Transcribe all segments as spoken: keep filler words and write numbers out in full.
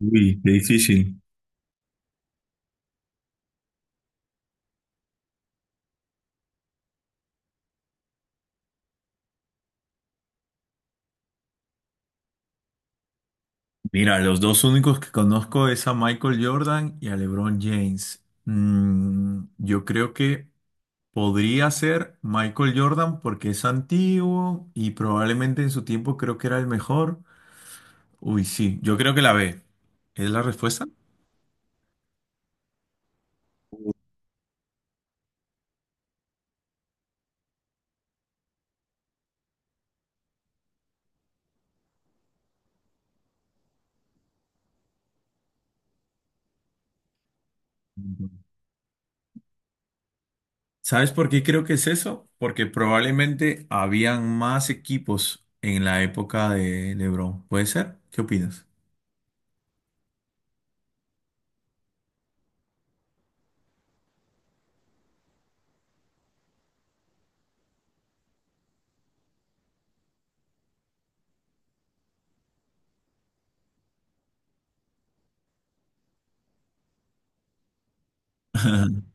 Uy, qué difícil. Mira, los dos únicos que conozco es a Michael Jordan y a LeBron James. Mm, yo creo que podría ser Michael Jordan porque es antiguo y probablemente en su tiempo creo que era el mejor. Uy, sí, yo creo que la B. ¿Es la respuesta? ¿Sabes por qué creo que es eso? Porque probablemente habían más equipos en la época de LeBron. ¿Puede ser? ¿Qué opinas?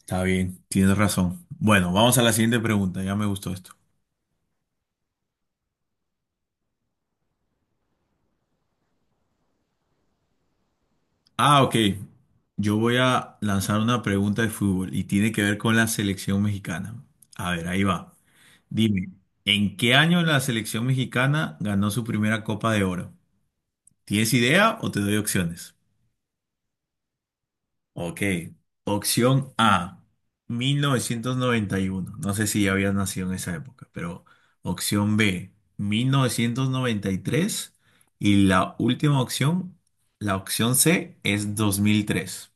Está bien, tienes razón. Bueno, vamos a la siguiente pregunta, ya me gustó esto. Ah, ok. Yo voy a lanzar una pregunta de fútbol y tiene que ver con la selección mexicana. A ver, ahí va. Dime, ¿en qué año la selección mexicana ganó su primera Copa de Oro? ¿Tienes idea o te doy opciones? Ok. Opción A, mil novecientos noventa y uno. No sé si ya había nacido en esa época, pero opción B, mil novecientos noventa y tres, y la última opción, la opción C, es dos mil tres.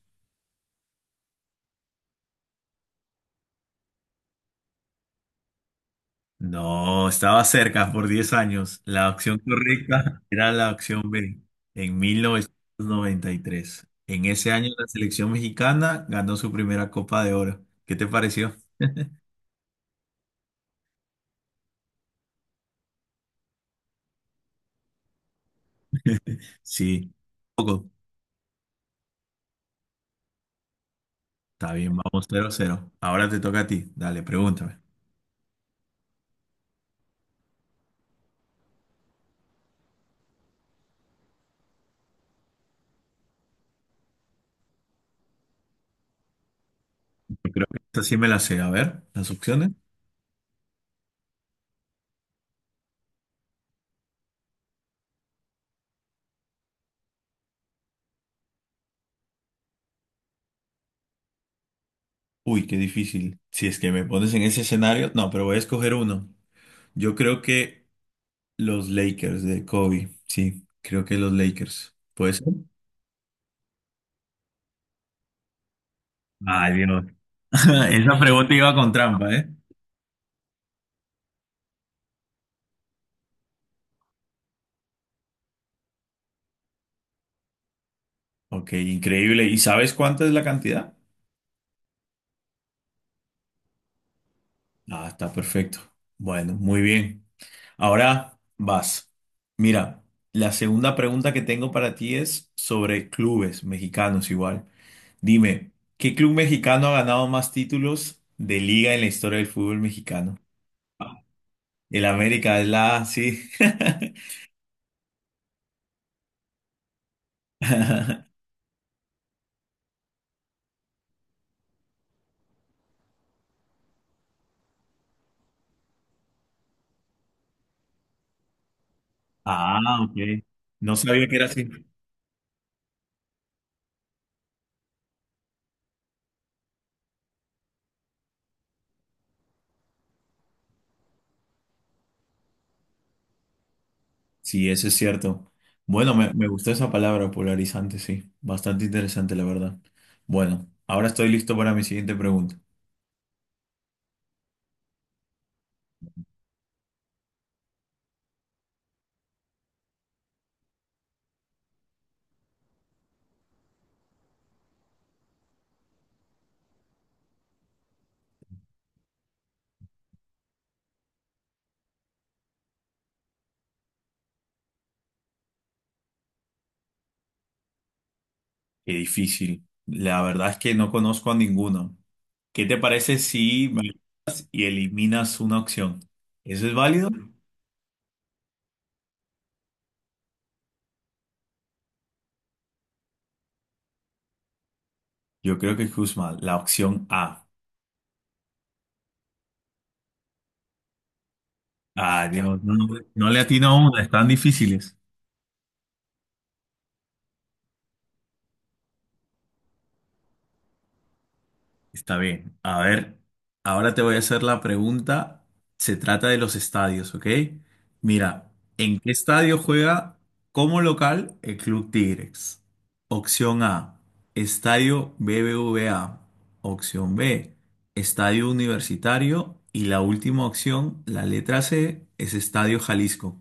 No, estaba cerca por diez años. La opción correcta era la opción B, en mil novecientos noventa y tres. En ese año la selección mexicana ganó su primera Copa de Oro. ¿Qué te pareció? Sí, poco. Está bien, vamos cero cero. Ahora te toca a ti. Dale, pregúntame. Yo creo que esta sí me la sé. A ver, las opciones. Uy, qué difícil. Si es que me pones en ese escenario. No, pero voy a escoger uno. Yo creo que los Lakers de Kobe. Sí, creo que los Lakers. ¿Puede ser? Ay, Dios. Esa pregunta iba con trampa, ¿eh? Ok, increíble. ¿Y sabes cuánta es la cantidad? Ah, está perfecto. Bueno, muy bien. Ahora vas. Mira, la segunda pregunta que tengo para ti es sobre clubes mexicanos igual. Dime, ¿qué club mexicano ha ganado más títulos de liga en la historia del fútbol mexicano? El América es la, sí. Ah, ok. No sabía que era así. Sí, eso es cierto. Bueno, me, me gustó esa palabra, polarizante, sí. Bastante interesante, la verdad. Bueno, ahora estoy listo para mi siguiente pregunta. Qué difícil. La verdad es que no conozco a ninguno. ¿Qué te parece si vas y eliminas una opción? ¿Eso es válido? Yo creo que es Kuzma, la opción A. Ah, Dios, no, no le atino a una, están difíciles. Está bien. A ver, ahora te voy a hacer la pregunta. Se trata de los estadios, ¿ok? Mira, ¿en qué estadio juega como local el Club Tigres? Opción A, Estadio B B V A. Opción B, Estadio Universitario. Y la última opción, la letra C, es Estadio Jalisco.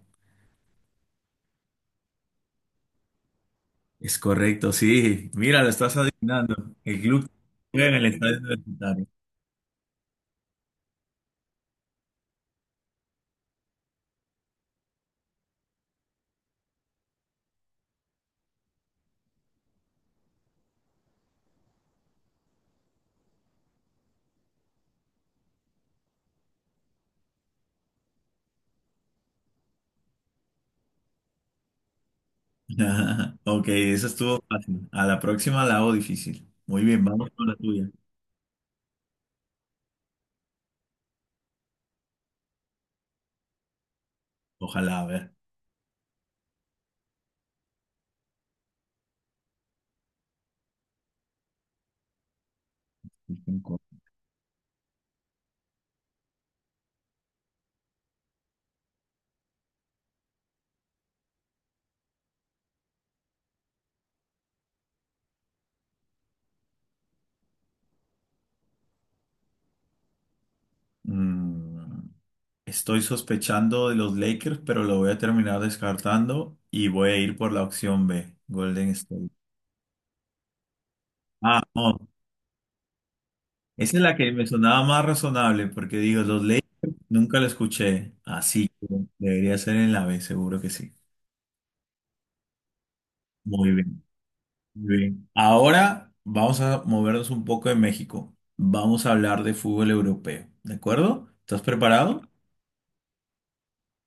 Es correcto, sí. Mira, lo estás adivinando. El club juega en el Estadio Universitario. Ok, eso estuvo fácil. A la próxima la hago difícil. Muy bien, vamos con la tuya. Ojalá, a ver. Mm, estoy sospechando de los Lakers, pero lo voy a terminar descartando y voy a ir por la opción B, Golden State. Ah, no. Esa es la que me sonaba más razonable porque digo, los Lakers nunca lo escuché. Así que debería ser en la B, seguro que sí. Muy bien. Muy bien. Ahora vamos a movernos un poco de México. Vamos a hablar de fútbol europeo, ¿de acuerdo? ¿Estás preparado?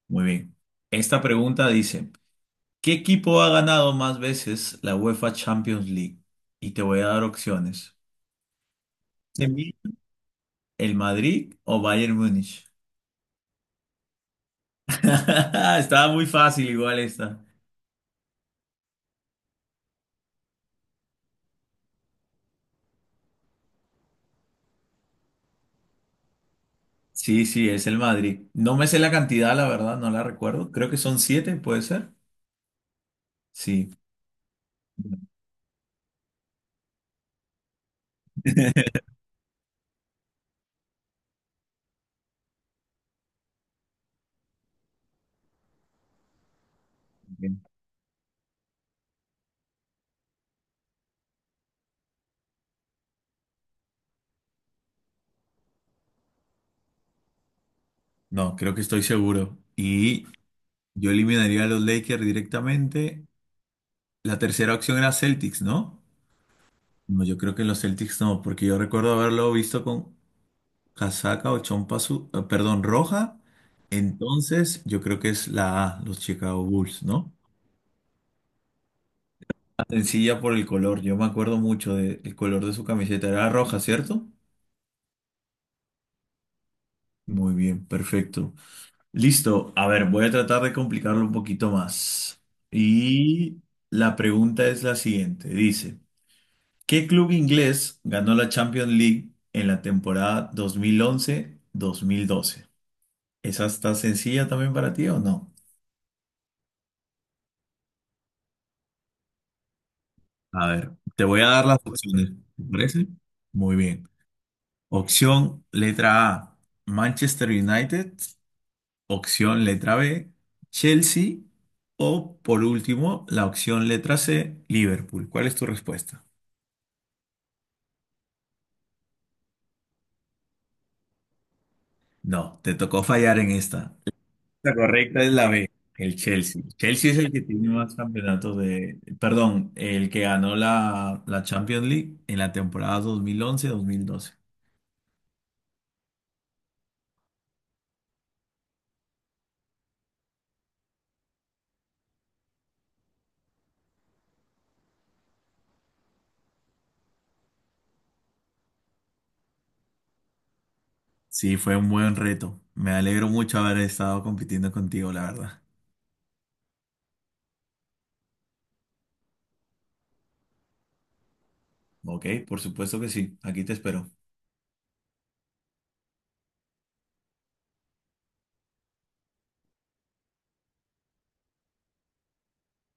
Muy bien. Esta pregunta dice, ¿qué equipo ha ganado más veces la UEFA Champions League? Y te voy a dar opciones. ¿De mí? ¿El Madrid o Bayern Múnich? Estaba muy fácil igual esta. Sí, sí, es el Madrid. No me sé la cantidad, la verdad, no la recuerdo. Creo que son siete, ¿puede ser? Sí. No, creo que estoy seguro. Y yo eliminaría a los Lakers directamente. La tercera opción era Celtics, ¿no? No, yo creo que los Celtics no, porque yo recuerdo haberlo visto con casaca o chompa, su- eh, perdón, roja. Entonces, yo creo que es la A, los Chicago Bulls, ¿no? Sencilla por el color, yo me acuerdo mucho del color de su camiseta, era roja, ¿cierto? Muy bien, perfecto. Listo, a ver, voy a tratar de complicarlo un poquito más. Y la pregunta es la siguiente, dice. ¿Qué club inglés ganó la Champions League en la temporada dos dos mil once mil doce? ¿Esa está sencilla también para ti o no? A ver, te voy a dar las opciones, ¿te parece? Muy bien. Opción letra A, Manchester United. Opción letra B, Chelsea. O por último, la opción letra C, Liverpool. ¿Cuál es tu respuesta? No, te tocó fallar en esta. La correcta es la B, el Chelsea. Chelsea es el que tiene más campeonatos de... Perdón, el que ganó la, la Champions League en la temporada dos mil once-dos mil doce. Sí, fue un buen reto. Me alegro mucho haber estado compitiendo contigo, la verdad. Ok, por supuesto que sí. Aquí te espero.